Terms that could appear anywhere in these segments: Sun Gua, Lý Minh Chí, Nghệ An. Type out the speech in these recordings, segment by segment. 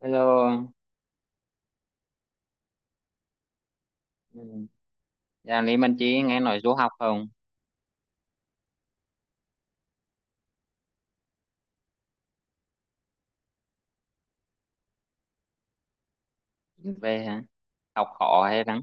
Hello, ừ. Dạ, Lý Minh Chí nghe nói du học không? Về hả? Học khó hay răng?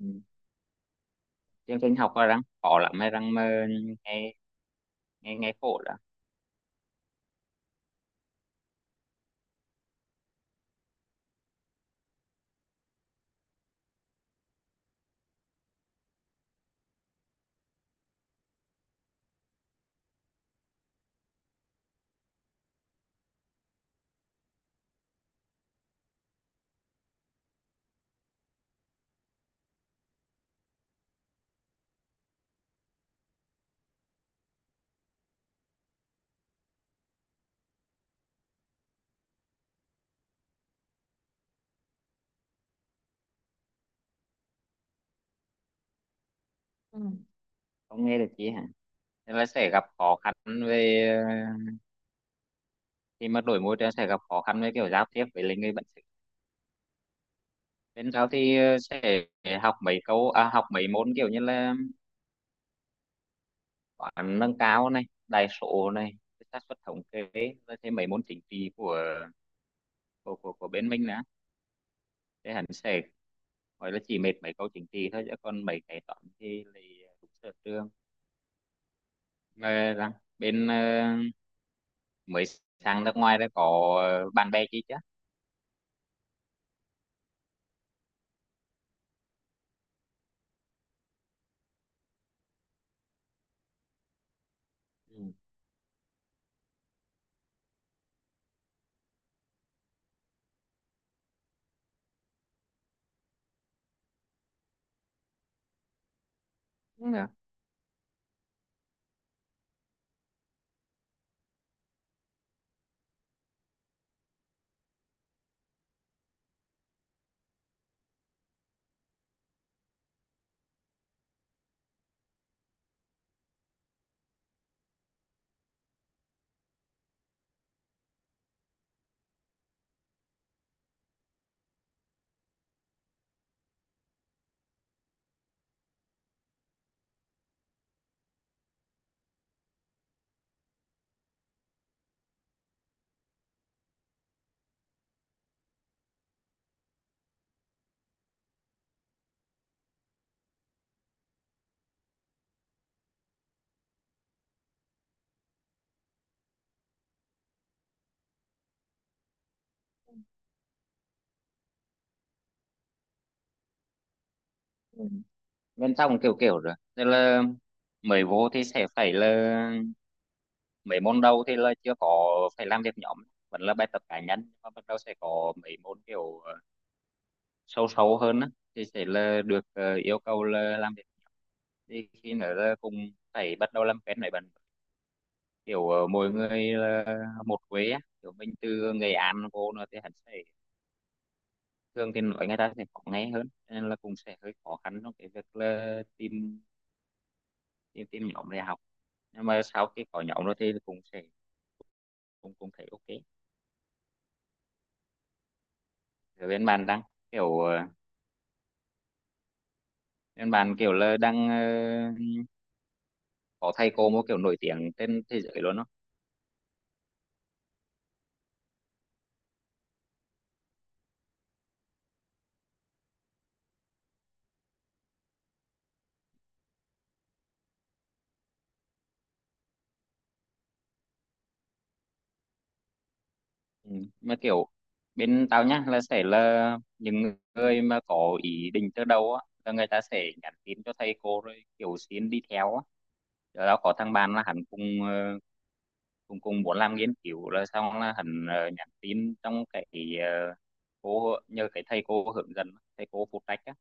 Ừ. Chương trình học là răng khó lắm hay răng mơ, nghe nghe nghe khổ đó. Ừ, không nghe được chí hả? Thế là sẽ gặp khó khăn về ờ, khi mà đổi môi trường, sẽ gặp khó khăn với kiểu giao tiếp với lại người bản xứ. Bên sau thì sẽ học học mấy môn kiểu như là toán nâng cao này, đại số này, xác suất thống kê, rồi thêm mấy môn chính trị của bên mình nữa. Thế hẳn sẽ gọi là chỉ mệt mấy câu chính trị thôi, chứ còn mấy cái toán thì lại đúng sở trường. Ờ, rằng bên mới sang nước ngoài đã có bạn bè chi chứ. Ừ. Đúng rồi. Ừ, bên trong kiểu kiểu rồi tức là mới vô thì sẽ phải là mấy môn đầu thì là chưa có phải làm việc nhóm, vẫn là bài tập cá nhân, nhưng mà bắt đầu sẽ có mấy môn kiểu sâu sâu hơn á thì sẽ là được yêu cầu là làm việc, thì khi nữa là cũng phải bắt đầu làm quen với bạn, kiểu mỗi người là một quê á, kiểu mình từ Nghệ An vô nữa thì hắn sẽ thường thì nói người ta sẽ khó nghe hơn, cho nên là cũng sẽ hơi khó khăn trong cái việc là tìm tìm, tìm nhóm để học. Nhưng mà sau khi có nhóm rồi thì cũng sẽ cũng cũng thấy ok. Rồi bên bạn đang kiểu bên bạn kiểu là đang có thầy cô một kiểu nổi tiếng trên thế giới luôn đó. Ừ. Mà kiểu bên tao nhá là sẽ là những người mà có ý định từ đầu á, là người ta sẽ nhắn tin cho thầy cô rồi kiểu xin đi theo á. Rồi tao có thằng bạn là hắn cùng cũng muốn làm nghiên cứu, rồi xong là hắn nhắn tin trong cái ờ, cô nhờ cái thầy cô hướng dẫn, thầy cô phụ trách á,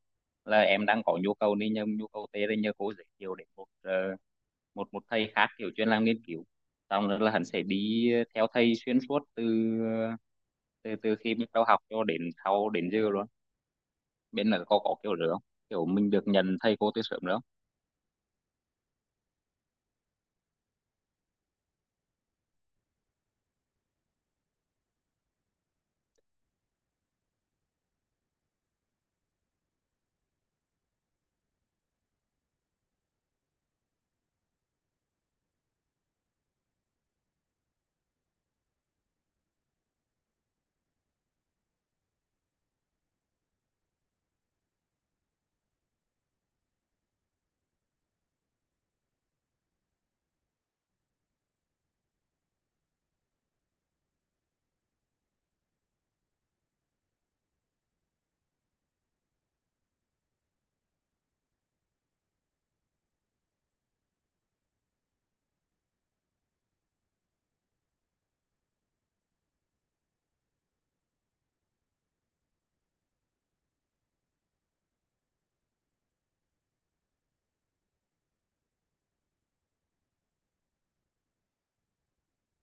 là em đang có nhu cầu này nhờ nhu cầu tê, đây nhờ cô giới thiệu đến một ờ, một một thầy khác kiểu chuyên làm nghiên cứu, xong rồi là hắn sẽ đi theo thầy xuyên suốt từ từ từ khi bắt đầu học cho đến sau đến giờ luôn. Bên là có kiểu nữa, kiểu mình được nhận thầy cô từ sớm nữa.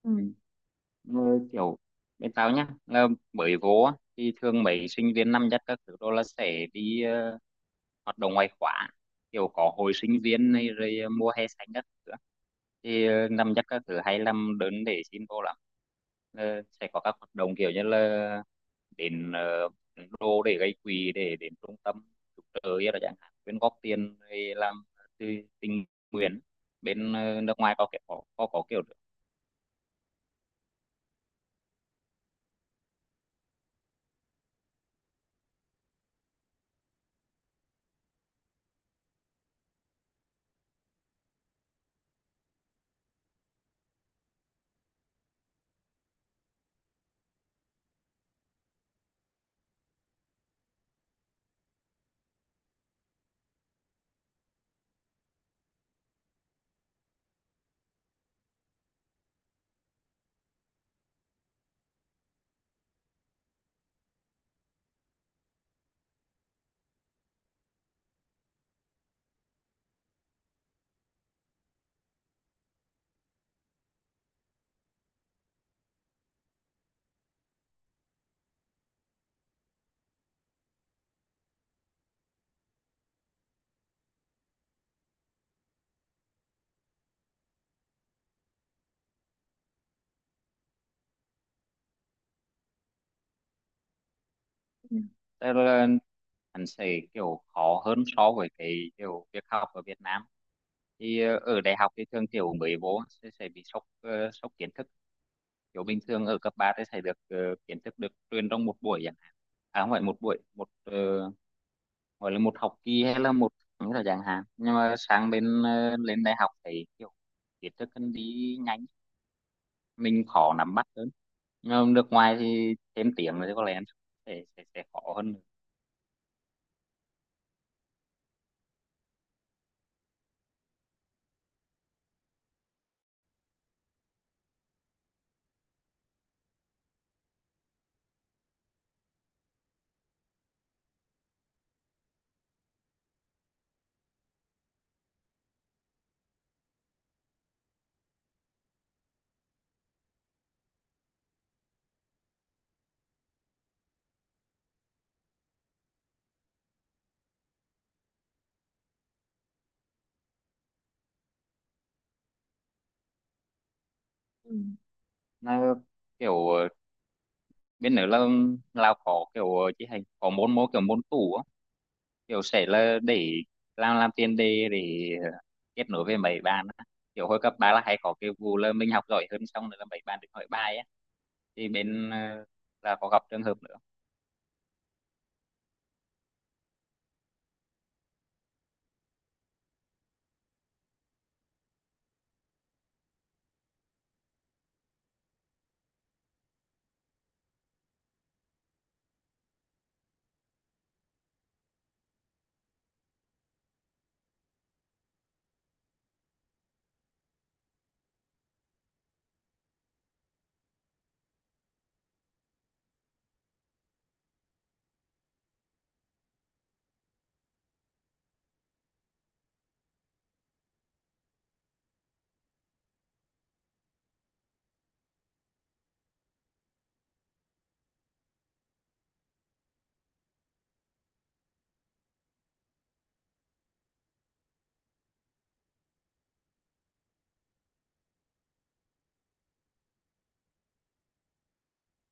Ừ. Ừ. Kiểu bên tao nhá là mới vô á, thì thường mấy sinh viên năm nhất các thứ đó là sẽ đi hoạt động ngoại khóa, kiểu có hội sinh viên này rồi mua hè xanh các thứ á. Thì năm chắc các thứ hay làm đơn để xin vô lắm. Ờ, sẽ có các hoạt động kiểu như là đến đô để gây quỹ, để đến trung tâm cứu trợ ấy là chẳng hạn, quyên góp tiền để làm từ tình nguyện. Bên nước ngoài có kiểu có kiểu được. Ừ, tức là hắn sẽ kiểu khó hơn so với cái kiểu việc học ở Việt Nam. Thì ở đại học thì thường kiểu mới vô sẽ bị sốc kiến thức, kiểu bình thường ở cấp 3 thì sẽ được kiến thức được truyền trong một buổi chẳng hạn, à không phải một buổi, gọi là một học kỳ hay là một những là chẳng hạn. Nhưng mà sang bên lên đại học thì kiểu kiến thức cần đi nhanh, mình khó nắm bắt hơn, nhưng mà nước ngoài thì thêm tiếng rồi thì có lẽ sẽ, khó hơn. Ừ, nó kiểu bên nữa là Lào có kiểu chỉ hành có môn môn kiểu môn tủ á, kiểu sẽ là để làm tiền đề để kết nối với mấy bạn á. Kiểu hồi cấp ba là hay có cái vụ là mình học giỏi hơn, xong rồi là mấy bạn được hỏi bài á, thì bên là có gặp trường hợp nữa.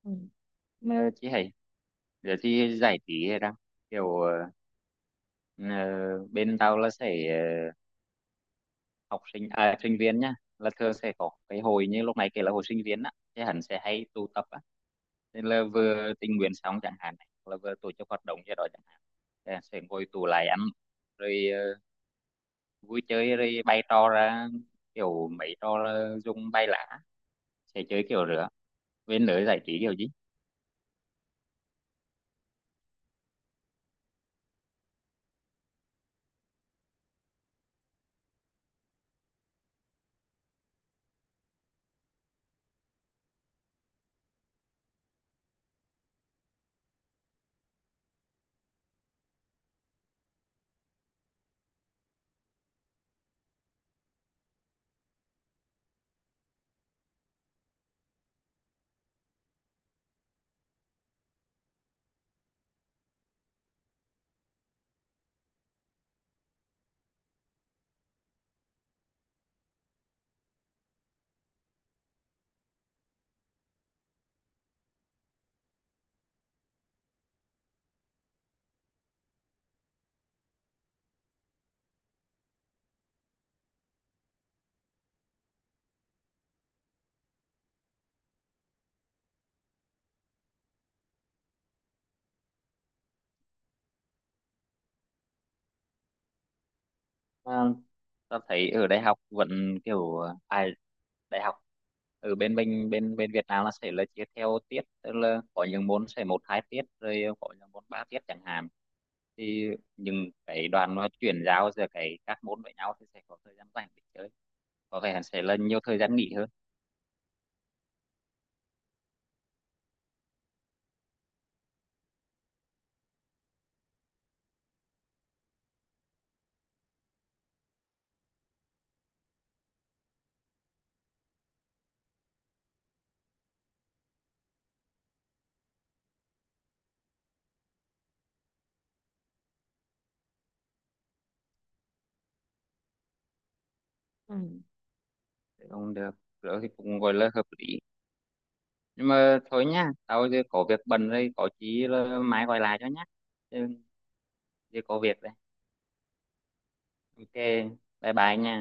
Ừ. Mà chị hay giờ thì giải trí ra kiểu ờ, bên tao là sẽ học sinh à, sinh viên nhá, là thường sẽ có cái hồi như lúc này kể là hồi sinh viên á, thì hắn sẽ hay tụ tập á, nên là vừa tình nguyện xong chẳng hạn này, là vừa tổ chức hoạt động gì đó chẳng hạn, thì hắn sẽ ngồi tụ lại ăn rồi vui chơi, rồi bày trò ra, kiểu mấy trò là dùng bay lã, sẽ chơi kiểu rửa bên lưới giải trí kiểu gì. Tao thấy ở đại học vẫn kiểu à, ai đại học ở bên mình bên bên Việt Nam là sẽ là chia theo tiết, tức là có những môn sẽ một hai tiết, rồi có những môn ba tiết chẳng hạn, thì những cái đoàn nó chuyển giao giữa cái các môn với nhau thì sẽ có thời gian rảnh để chơi, có vẻ sẽ là nhiều thời gian nghỉ hơn. Ừ. Thế không được, rồi thì cũng gọi là hợp lý. Nhưng mà thôi nha, tao giờ có việc bận rồi, có chí là mai gọi lại cho nhá, chứ giờ có việc đây. Ok, bye bye nha.